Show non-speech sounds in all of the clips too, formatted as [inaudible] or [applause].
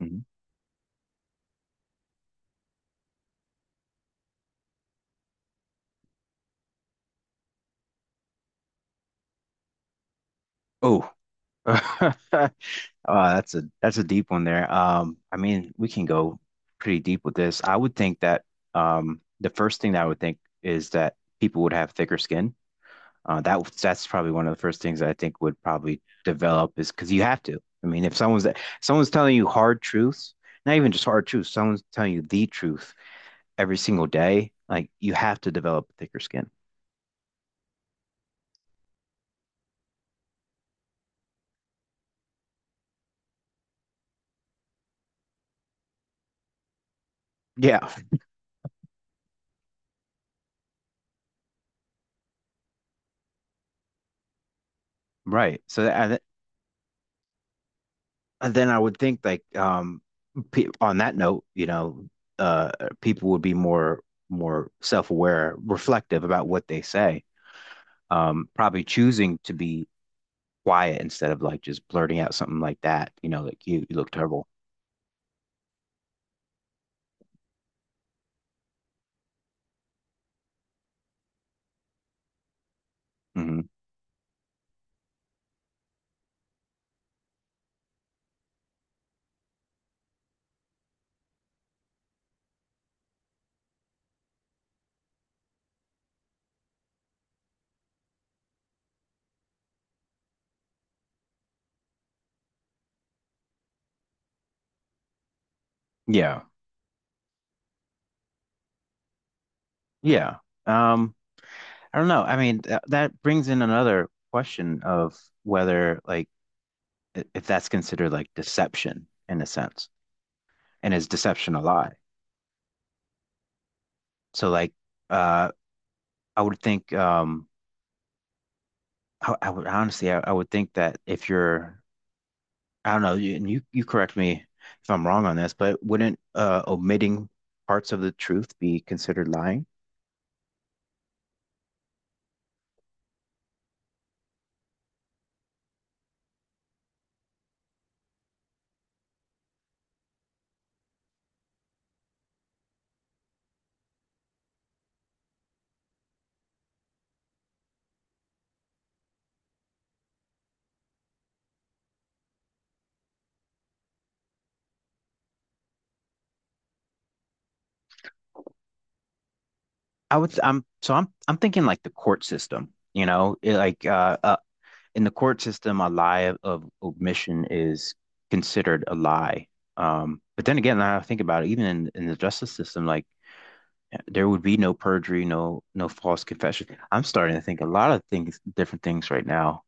Mhm. Oh, [laughs] uh, that's a deep one there. I mean, we can go pretty deep with this. I would think that the first thing that I would think is that people would have thicker skin. That's probably one of the first things I think would probably develop is because you have to. I mean, if someone's someone's telling you hard truths, not even just hard truths, someone's telling you the truth every single day, like you have to develop thicker skin. Yeah, right. And then I would think like pe on that note, you know, uh people would be more more self-aware, reflective about what they say. Probably choosing to be quiet instead of like just blurting out something like that, you know, like you look terrible. hmm Yeah. Yeah. Um I don't know. I mean, th that brings in another question of whether like if that's considered like deception in a sense. And is deception a lie? So like uh I would think I would honestly, I would think that if you're, I don't know, and you correct me if I'm wrong on this, but wouldn't omitting parts of the truth be considered lying? I'm so I'm thinking like the court system, you know, like in the court system, a lie of omission is considered a lie. But then again, now I think about it, even in the justice system, like there would be no perjury, no false confession. I'm starting to think a lot of things, different things right now.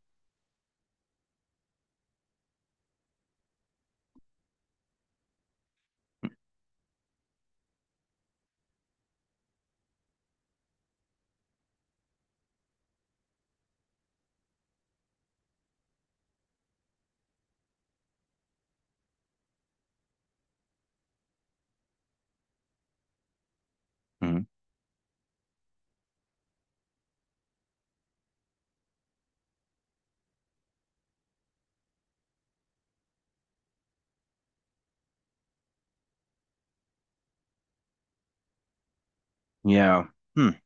Mhm. Yeah. Hmm.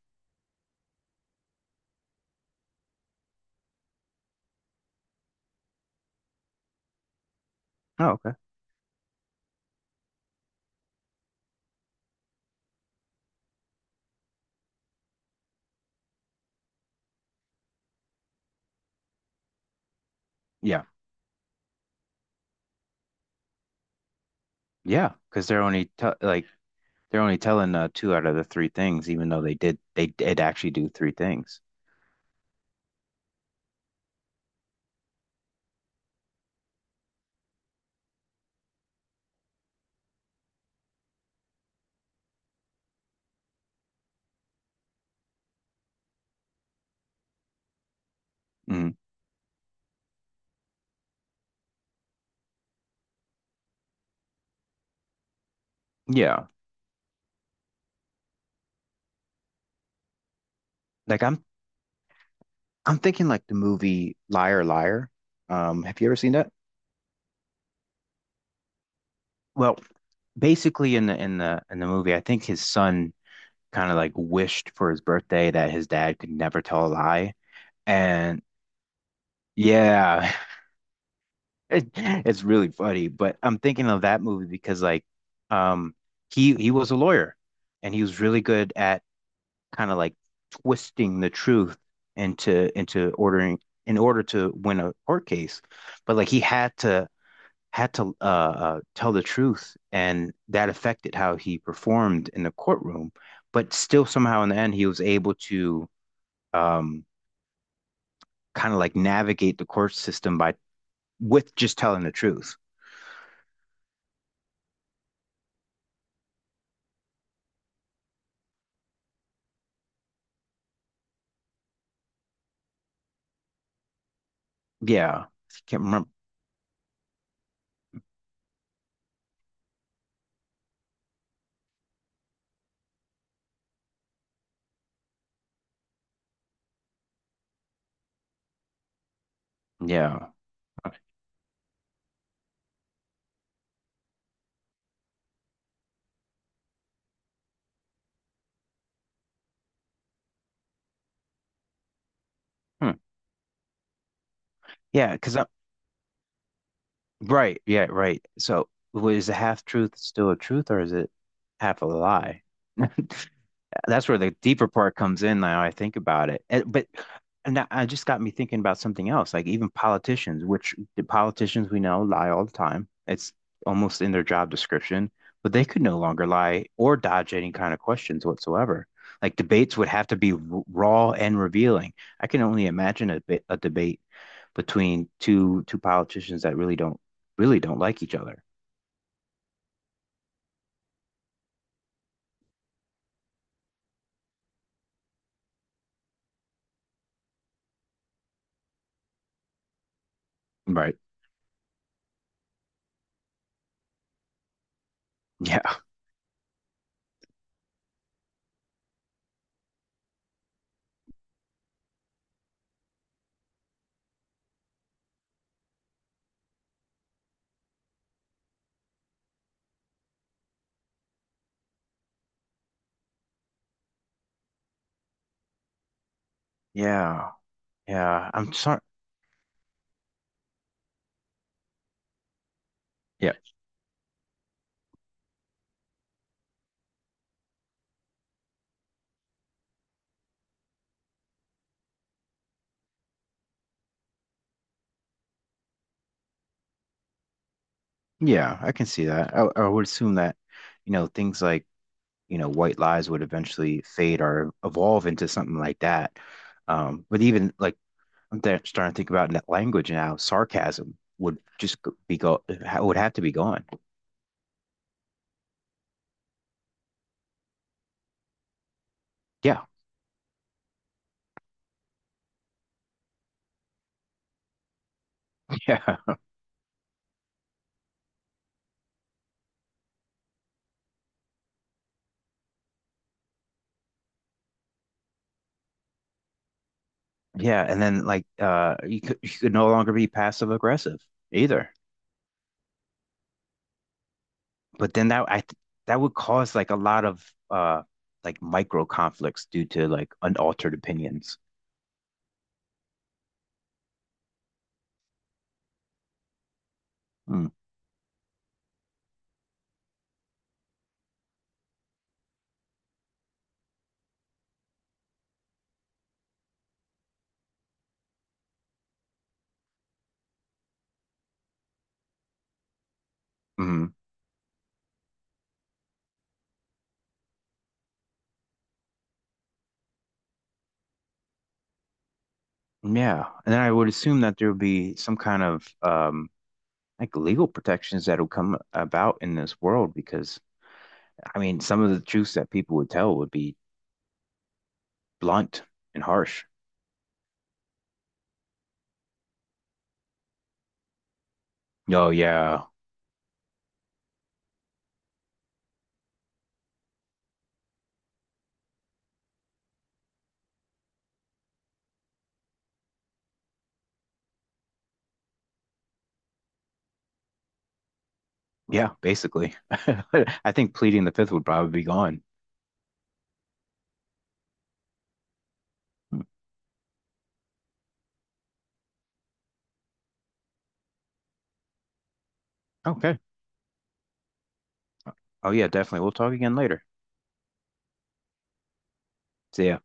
Oh, okay. Yeah. Yeah. Because they're only t like they're only telling two out of the three things, even though they did actually do three things. Mhm. Yeah, like I'm thinking like the movie Liar Liar. Have you ever seen that? Well, basically in the movie, I think his son kind of like wished for his birthday that his dad could never tell a lie, and yeah, [laughs] it's really funny. But I'm thinking of that movie because like, um, he was a lawyer, and he was really good at kind of like twisting the truth into ordering in order to win a court case. But like he had to had to tell the truth, and that affected how he performed in the courtroom. But still, somehow in the end, he was able to um, kind of like navigate the court system by with just telling the truth. Yeah, can't remember. Yeah. Okay. Hmm. yeah, because Right. Yeah. Right. So, is a half truth still a truth or is it half a lie? [laughs] That's where the deeper part comes in now I think about it. But I just got me thinking about something else, like even politicians, which the politicians we know lie all the time. It's almost in their job description, but they could no longer lie or dodge any kind of questions whatsoever. Like debates would have to be raw and revealing. I can only imagine a debate between two politicians that really don't like each other. Right. Yeah. Yeah. Yeah. I'm sorry. Yeah. Yeah, I can see that. I would assume that, you know, things like, you know, white lies would eventually fade or evolve into something like that. But even like starting to think about net language now, sarcasm would just go- be go ha- would have to be gone. Yeah. [laughs] Yeah. Yeah, and then like you could no longer be passive aggressive either. But then that I th that would cause like a lot of uh like micro conflicts due to like unaltered opinions. Mm, mhm. Yeah, and then I would assume that there would be some kind of like legal protections that will come about in this world because I mean some of the truths that people would tell would be blunt and harsh. Oh yeah, yeah, basically. [laughs] I think pleading the fifth would probably be gone. Mm. Okay. Oh yeah, definitely. We'll talk again later. See ya.